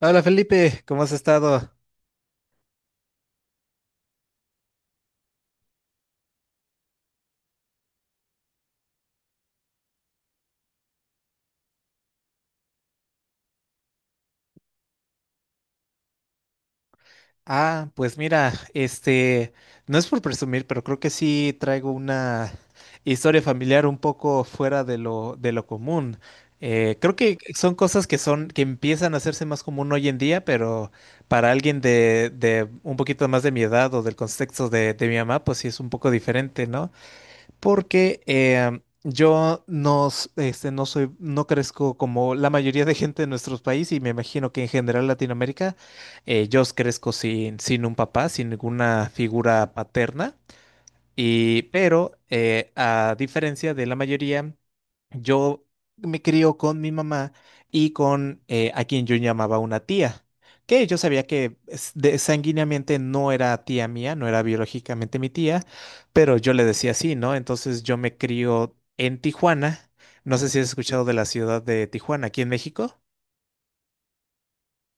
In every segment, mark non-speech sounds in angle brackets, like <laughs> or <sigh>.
Hola Felipe, ¿cómo has estado? Ah, pues mira, no es por presumir, pero creo que sí traigo una historia familiar un poco fuera de lo común. Creo que son cosas que empiezan a hacerse más común hoy en día, pero para alguien de un poquito más de mi edad o del contexto de mi mamá, pues sí es un poco diferente, ¿no? Porque yo no, s- este, no soy, no crezco como la mayoría de gente de nuestros países y me imagino que en general Latinoamérica. Yo crezco sin un papá, sin ninguna figura paterna. Pero a diferencia de la mayoría, yo me crió con mi mamá y con a quien yo llamaba una tía, que yo sabía que es- de- sanguíneamente no era tía mía, no era biológicamente mi tía, pero yo le decía así, ¿no? Entonces yo me crío en Tijuana. No sé si has escuchado de la ciudad de Tijuana, aquí en México.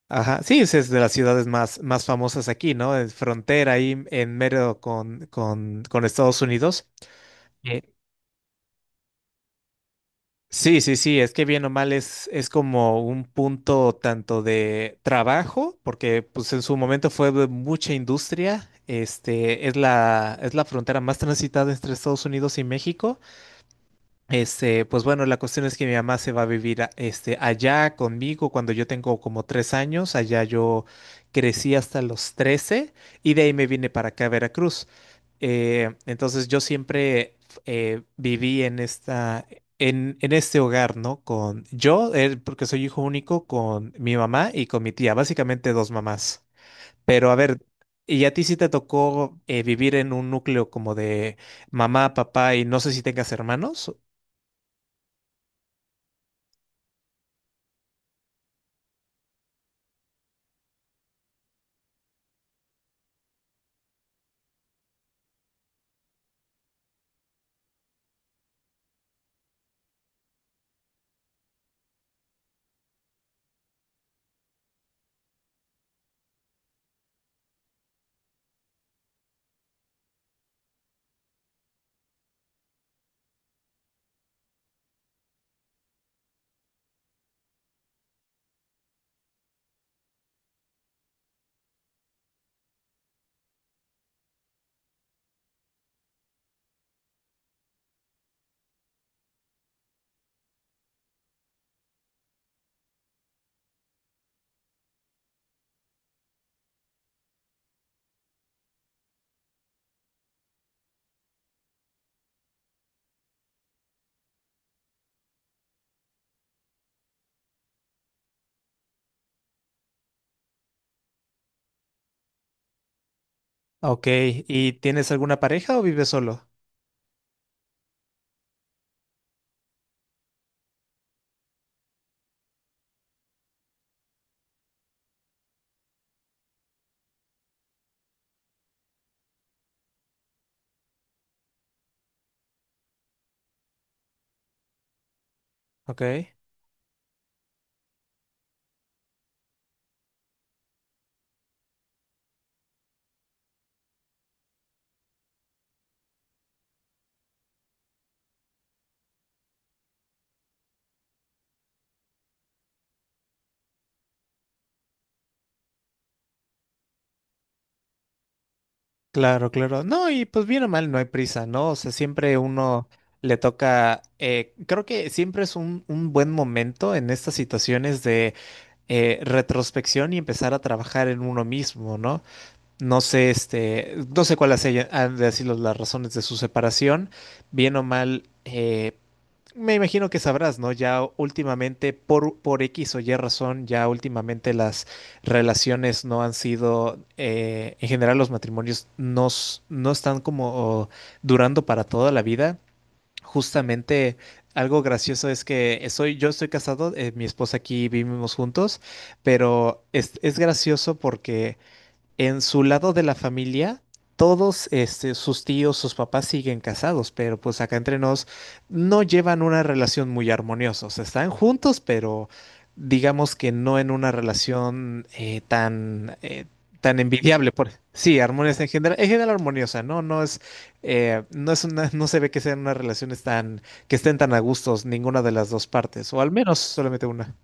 Ajá, sí, es de las ciudades más famosas aquí, ¿no? Es frontera ahí en mero con Estados Unidos. eh, Sí, sí, sí, es que bien o mal es como un punto tanto de trabajo, porque pues en su momento fue de mucha industria, es la frontera más transitada entre Estados Unidos y México. Pues bueno, la cuestión es que mi mamá se va a vivir allá conmigo cuando yo tengo como 3 años. Allá yo crecí hasta los 13 y de ahí me vine para acá a Veracruz. Entonces yo siempre viví en en este hogar, ¿no? Con yo, porque soy hijo único, con mi mamá y con mi tía, básicamente dos mamás. Pero a ver, ¿y a ti sí te tocó vivir en un núcleo como de mamá, papá y no sé si tengas hermanos? Ok, ¿y tienes alguna pareja o vives solo? Ok, claro, claro. No, y pues bien o mal, no hay prisa, ¿no? O sea, siempre uno le toca, creo que siempre es un buen momento en estas situaciones de retrospección y empezar a trabajar en uno mismo, ¿no? No sé, no sé cuáles han de sido las razones de su separación. Bien o mal, me imagino que sabrás, ¿no? Ya últimamente, por X o Y razón, ya últimamente las relaciones no han sido, en general los matrimonios no están como durando para toda la vida. Justamente algo gracioso es que yo estoy casado, mi esposa aquí vivimos juntos, pero es gracioso porque en su lado de la familia, todos sus tíos, sus papás siguen casados, pero pues acá entre nos no llevan una relación muy armoniosa. O sea, están juntos, pero digamos que no en una relación tan envidiable. Sí, armoniosa en general armoniosa, ¿no? No se ve que sean unas relaciones tan, que estén tan a gustos ninguna de las dos partes, o al menos solamente una.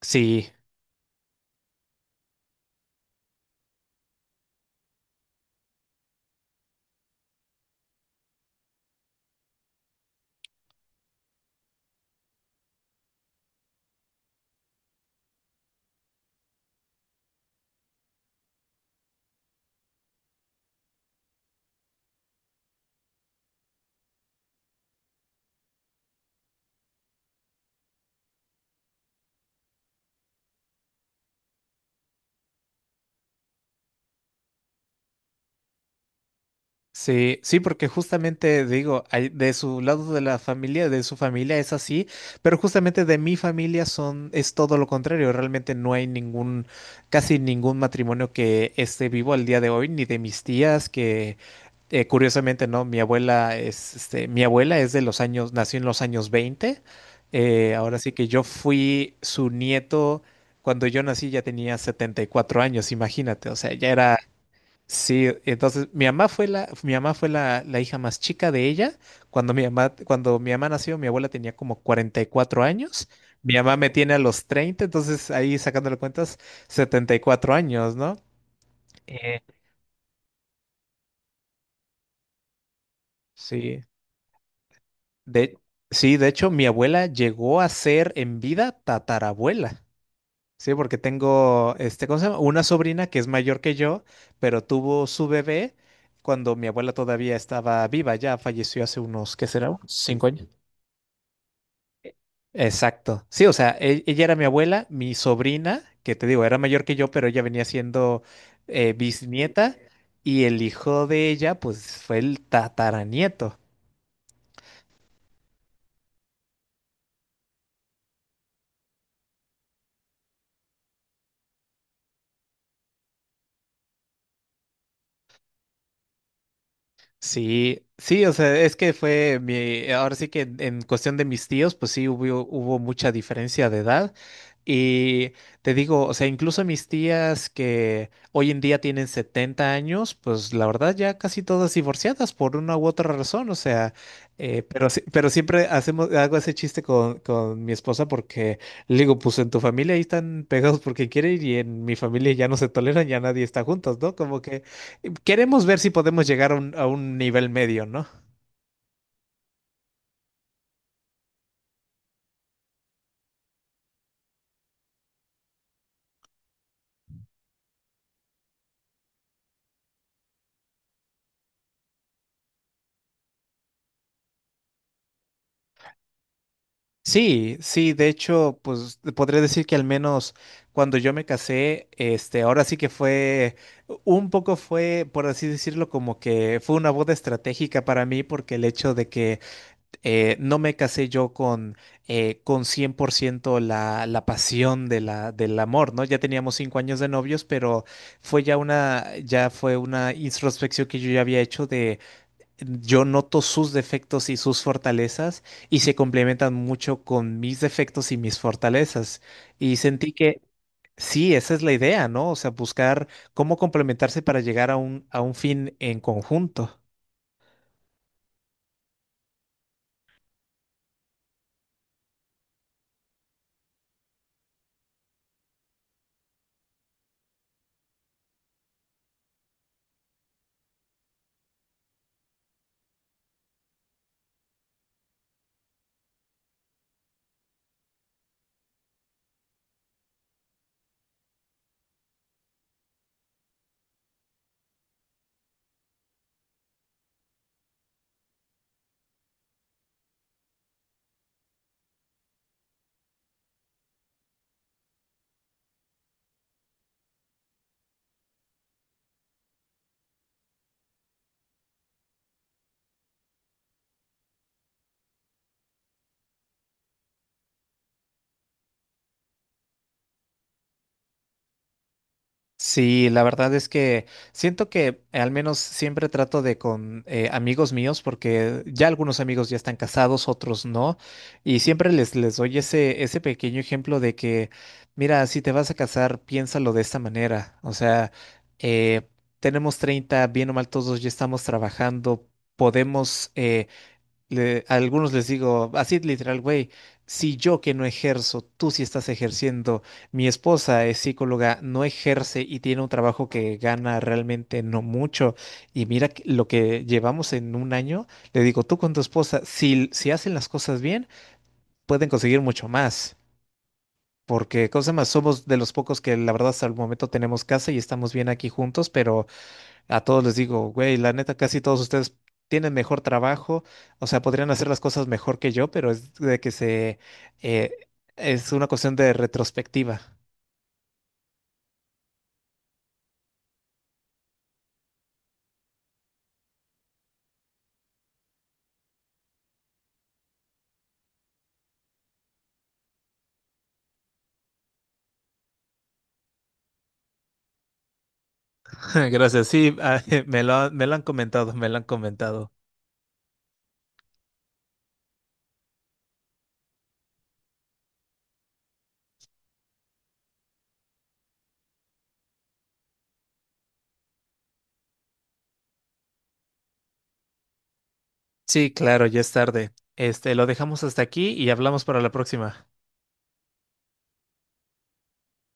Sí. Sí, sí, porque justamente digo, de su lado de la familia, de su familia es así, pero justamente de mi familia es todo lo contrario. Realmente no hay casi ningún matrimonio que esté vivo al día de hoy, ni de mis tías que curiosamente, ¿no? Mi abuela es de los años, nació en los años 20. Ahora sí que yo fui su nieto cuando yo nací ya tenía 74 años, imagínate, o sea, ya era. Sí, entonces mi mamá fue la, mi mamá fue la, la hija más chica de ella. Cuando mi mamá nació, mi abuela tenía como 44 años. Mi mamá me tiene a los 30, entonces ahí sacándole cuentas, 74 años, ¿no? Eh, sí. De, sí, de hecho, mi abuela llegó a ser en vida tatarabuela. Sí, porque tengo, ¿cómo se llama? Una sobrina que es mayor que yo, pero tuvo su bebé cuando mi abuela todavía estaba viva, ya falleció hace unos, ¿qué será? 5 años. Exacto. Sí, o sea, ella era mi abuela, mi sobrina, que te digo, era mayor que yo, pero ella venía siendo bisnieta y el hijo de ella, pues fue el tataranieto. Sí, sí, o sea, es que fue ahora sí que en cuestión de mis tíos, pues sí hubo mucha diferencia de edad. Y te digo, o sea, incluso mis tías que hoy en día tienen 70 años, pues la verdad ya casi todas divorciadas por una u otra razón, o sea, pero siempre hacemos, hago ese chiste con mi esposa porque le digo, pues en tu familia ahí están pegados porque quieren y en mi familia ya no se toleran, ya nadie está juntos, ¿no? Como que queremos ver si podemos llegar a a un nivel medio, ¿no? Sí, sí, de hecho, pues podré decir que al menos cuando yo me casé, ahora sí que un poco fue, por así decirlo, como que fue una boda estratégica para mí, porque el hecho de que no me casé yo con 100% la pasión de del amor, ¿no? Ya teníamos 5 años de novios, pero ya fue una introspección que yo ya había hecho de yo noto sus defectos y sus fortalezas y se complementan mucho con mis defectos y mis fortalezas. Y sentí que sí, esa es la idea, ¿no? O sea, buscar cómo complementarse para llegar a a un fin en conjunto. Sí, la verdad es que siento que al menos siempre trato de con amigos míos, porque ya algunos amigos ya están casados, otros no, y siempre les, les doy ese, ese pequeño ejemplo de que, mira, si te vas a casar, piénsalo de esta manera. O sea, eh, tenemos 30 bien o mal todos ya estamos trabajando, podemos a algunos les digo así literal, güey, si yo que no ejerzo, tú sí estás ejerciendo, mi esposa es psicóloga, no ejerce y tiene un trabajo que gana realmente no mucho, y mira lo que llevamos en un año, le digo, tú con tu esposa, si hacen las cosas bien, pueden conseguir mucho más. Porque, cosa más, somos de los pocos que la verdad hasta el momento tenemos casa y estamos bien aquí juntos, pero a todos les digo, güey, la neta, casi todos ustedes tienen mejor trabajo, o sea, podrían hacer las cosas mejor que yo, pero es de que eh, es una cuestión de retrospectiva. <laughs> Gracias, sí, ah, <laughs> me lo han comentado, me lo han comentado. Sí, claro, ya es tarde. Lo dejamos hasta aquí y hablamos para la próxima.